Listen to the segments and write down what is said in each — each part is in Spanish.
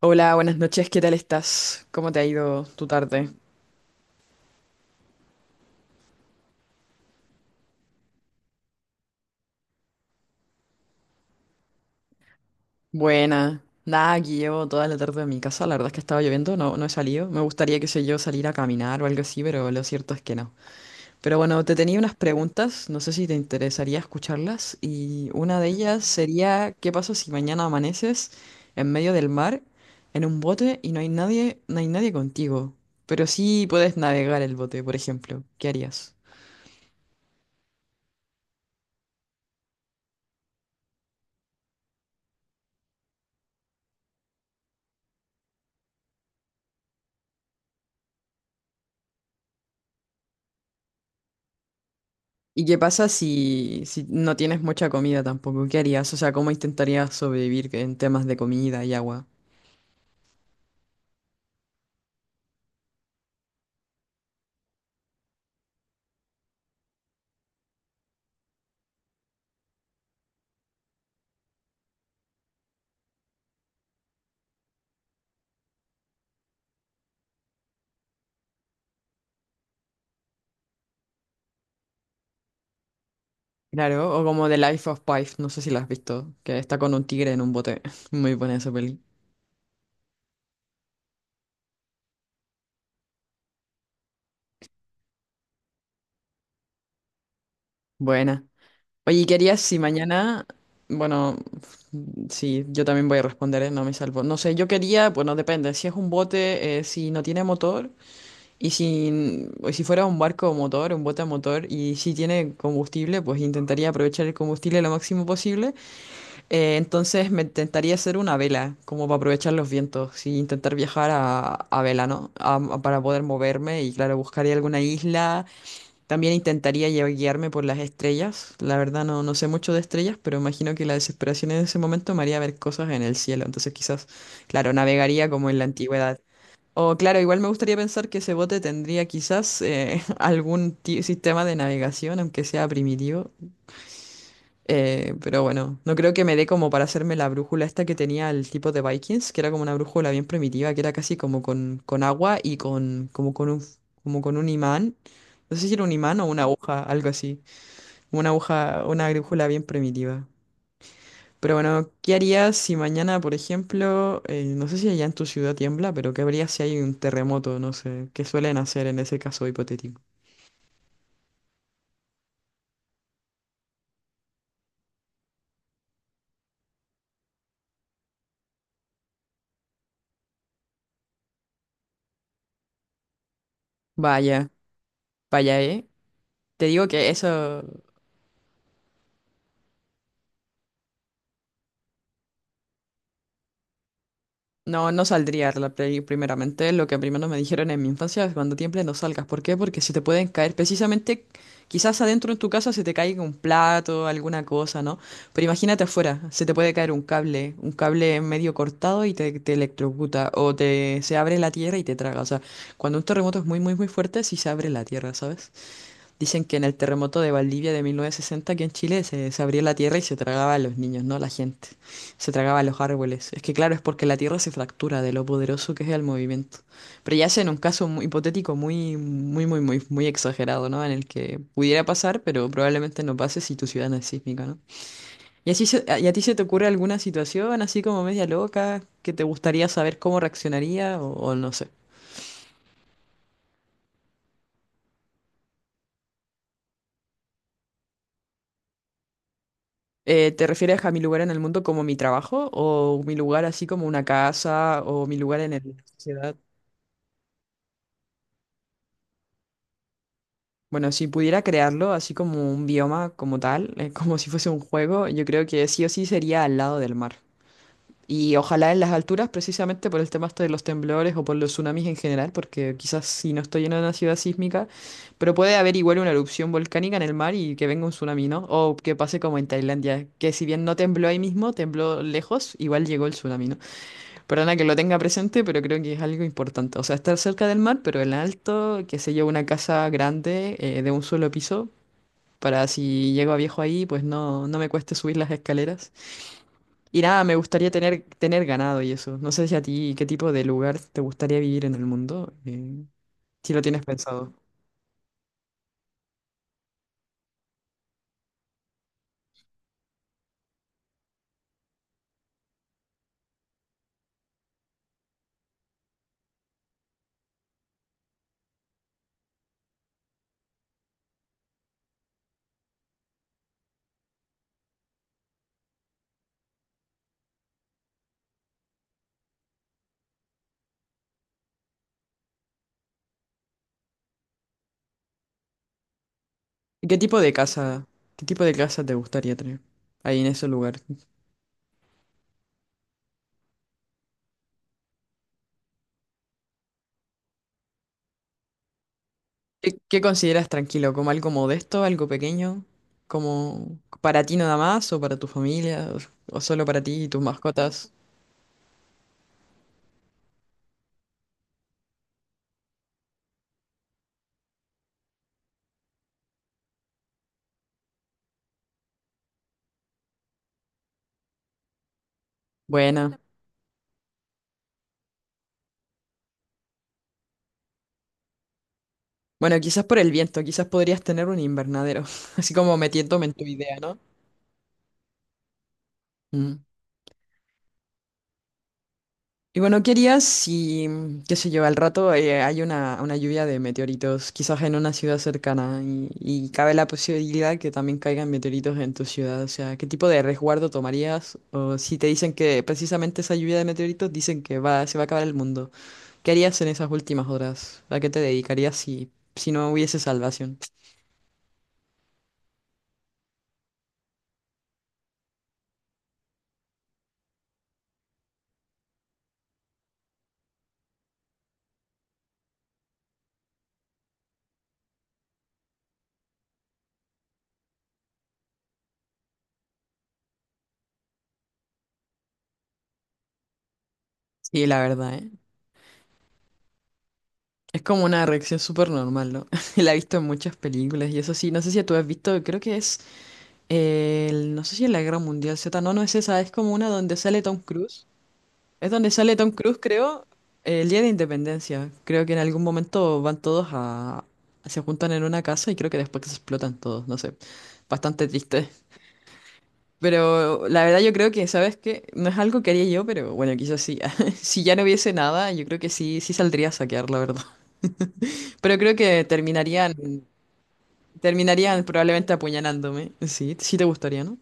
Hola, buenas noches, ¿qué tal estás? ¿Cómo te ha ido tu tarde? Buena. Nada, aquí llevo toda la tarde en mi casa, la verdad es que estaba lloviendo, no, no he salido. Me gustaría, qué sé yo, salir a caminar o algo así, pero lo cierto es que no. Pero bueno, te tenía unas preguntas, no sé si te interesaría escucharlas, y una de ellas sería, ¿qué pasa si mañana amaneces en medio del mar, en un bote, y no hay nadie, no hay nadie contigo? Pero sí puedes navegar el bote, por ejemplo. ¿Qué harías? ¿Y qué pasa si no tienes mucha comida tampoco? ¿Qué harías? O sea, ¿cómo intentarías sobrevivir en temas de comida y agua? Claro, o como The Life of Pi, no sé si la has visto, que está con un tigre en un bote. Muy buena esa peli. Buena. Oye, ¿y ¿qué harías si mañana... Bueno, sí, yo también voy a responder, ¿eh? No me salvo. No sé, yo quería, bueno, depende, si es un bote, si no tiene motor, y si, o si fuera un barco motor, un bote a motor, y si tiene combustible, pues intentaría aprovechar el combustible lo máximo posible. Entonces me intentaría hacer una vela, como para aprovechar los vientos y intentar viajar a vela, ¿no? Para poder moverme y claro, buscaría alguna isla. También intentaría guiarme por las estrellas. La verdad no, no sé mucho de estrellas, pero imagino que la desesperación en ese momento me haría ver cosas en el cielo. Entonces quizás, claro, navegaría como en la antigüedad. O claro, igual me gustaría pensar que ese bote tendría quizás sistema de navegación, aunque sea primitivo. Pero bueno, no creo que me dé como para hacerme la brújula esta que tenía el tipo de Vikings, que era como una brújula bien primitiva, que era casi como con agua y con, como con un, como con un imán. No sé si era un imán o una aguja, algo así. Una aguja, una brújula bien primitiva. Pero bueno, ¿qué harías si mañana, por ejemplo, no sé si allá en tu ciudad tiembla, pero qué habría si hay un terremoto, no sé, qué suelen hacer en ese caso hipotético? Vaya, vaya, ¿eh? Te digo que eso. No, no saldría la play primeramente. Lo que primero me dijeron en mi infancia es cuando tiembles no salgas. ¿Por qué? Porque se te pueden caer precisamente, quizás adentro en tu casa se te caiga un plato, alguna cosa, ¿no? Pero imagínate afuera, se te puede caer un cable medio cortado y te electrocuta o te, se abre la tierra y te traga. O sea, cuando un terremoto es muy, muy, muy fuerte, sí se abre la tierra, ¿sabes? Dicen que en el terremoto de Valdivia de 1960, aquí en Chile, se abría la tierra y se tragaba a los niños, no a la gente. Se tragaba a los árboles. Es que claro, es porque la tierra se fractura de lo poderoso que es el movimiento. Pero ya sea en un caso muy hipotético muy, muy, muy, muy, muy exagerado, ¿no? En el que pudiera pasar, pero probablemente no pase si tu ciudad no es sísmica, ¿no? ¿Y, y a ti se te ocurre alguna situación así como media loca que te gustaría saber cómo reaccionaría o no sé? ¿Te refieres a mi lugar en el mundo como mi trabajo o mi lugar así como una casa o mi lugar en la sociedad? Bueno, si pudiera crearlo así como un bioma como tal, como si fuese un juego, yo creo que sí o sí sería al lado del mar. Y ojalá en las alturas, precisamente por el tema este de los temblores o por los tsunamis en general, porque quizás si no estoy en una ciudad sísmica, pero puede haber igual una erupción volcánica en el mar y que venga un tsunami, ¿no? O que pase como en Tailandia, que si bien no tembló ahí mismo, tembló lejos, igual llegó el tsunami, ¿no? Perdona que lo tenga presente, pero creo que es algo importante. O sea, estar cerca del mar, pero en alto, que se lleve una casa grande de un solo piso, para si llego a viejo ahí, pues no, no me cueste subir las escaleras. Y nada, me gustaría tener ganado y eso. No sé si a ti qué tipo de lugar te gustaría vivir en el mundo, si lo tienes pensado. ¿Y qué tipo de casa, qué tipo de casa te gustaría tener ahí en ese lugar? ¿Qué, qué consideras tranquilo? ¿Como algo modesto, algo pequeño? ¿Como para ti nada más o para tu familia o solo para ti y tus mascotas? Buena. Bueno, quizás por el viento, quizás podrías tener un invernadero, así como metiéndome en tu idea, ¿no? Mm. Y bueno, ¿qué harías si, qué sé yo, al rato hay una lluvia de meteoritos, quizás en una ciudad cercana, y cabe la posibilidad que también caigan meteoritos en tu ciudad? O sea, ¿qué tipo de resguardo tomarías? O si te dicen que precisamente esa lluvia de meteoritos dicen que va, se va a acabar el mundo. ¿Qué harías en esas últimas horas? ¿A qué te dedicarías si, si no hubiese salvación? Sí, la verdad, ¿eh? Es como una reacción súper normal, ¿no? La he visto en muchas películas y eso sí, no sé si tú has visto, creo que es no sé si es la Guerra Mundial Z, no, no es esa, es como una donde sale Tom Cruise. Es donde sale Tom Cruise, creo, el día de Independencia. Creo que en algún momento van todos a... se juntan en una casa y creo que después se explotan todos, no sé. Bastante triste. Pero la verdad yo creo que, ¿sabes qué? No es algo que haría yo, pero bueno, quizás sí. Si ya no hubiese nada, yo creo que sí, sí saldría a saquear, la verdad. Pero creo que terminarían, terminarían probablemente apuñalándome. Sí, sí te gustaría, ¿no?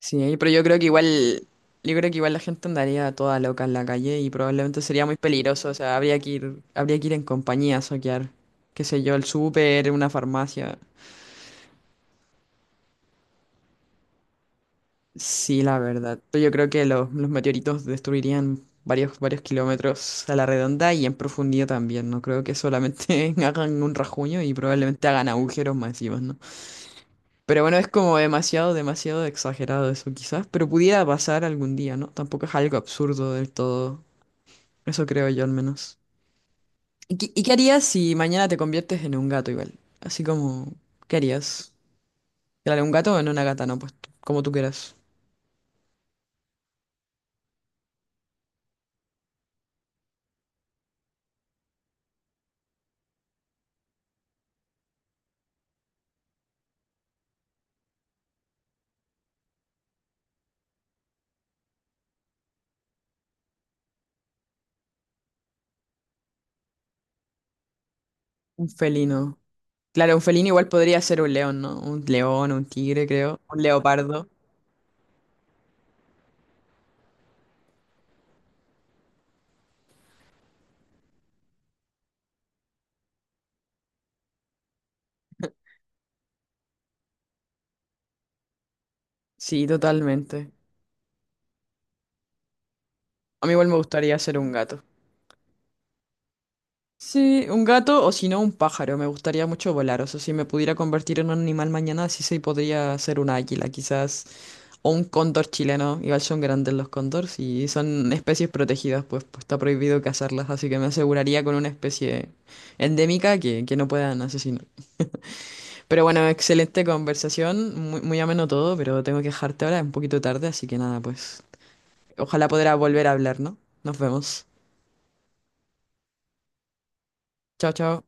Sí, pero yo creo que igual, yo creo que igual la gente andaría toda loca en la calle y probablemente sería muy peligroso, o sea, habría que ir en compañía a soquear, qué sé yo, el súper, una farmacia. Sí, la verdad. Pero yo creo que los meteoritos destruirían varios kilómetros a la redonda y en profundidad también. No creo que solamente hagan un rajuño y probablemente hagan agujeros masivos, ¿no? Pero bueno, es como demasiado, demasiado exagerado eso quizás, pero pudiera pasar algún día, ¿no? Tampoco es algo absurdo del todo. Eso creo yo al menos. ¿Y, qué harías si mañana te conviertes en un gato igual? Así como, ¿qué harías? Claro, un gato o en una gata, ¿no? Pues como tú quieras. Un felino. Claro, un felino igual podría ser un león, ¿no? Un león, un tigre, creo. Un leopardo. Sí, totalmente. A mí igual me gustaría ser un gato. Sí, un gato o si no un pájaro. Me gustaría mucho volar. O sea, si me pudiera convertir en un animal mañana, sí se podría ser un águila, quizás. O un cóndor chileno, igual son grandes los cóndores y son especies protegidas, pues, pues está prohibido cazarlas, así que me aseguraría con una especie endémica que no puedan asesinar. Pero bueno, excelente conversación, muy, muy ameno todo, pero tengo que dejarte ahora, es un poquito tarde, así que nada, pues ojalá podrá volver a hablar, ¿no? Nos vemos. Chao, chao.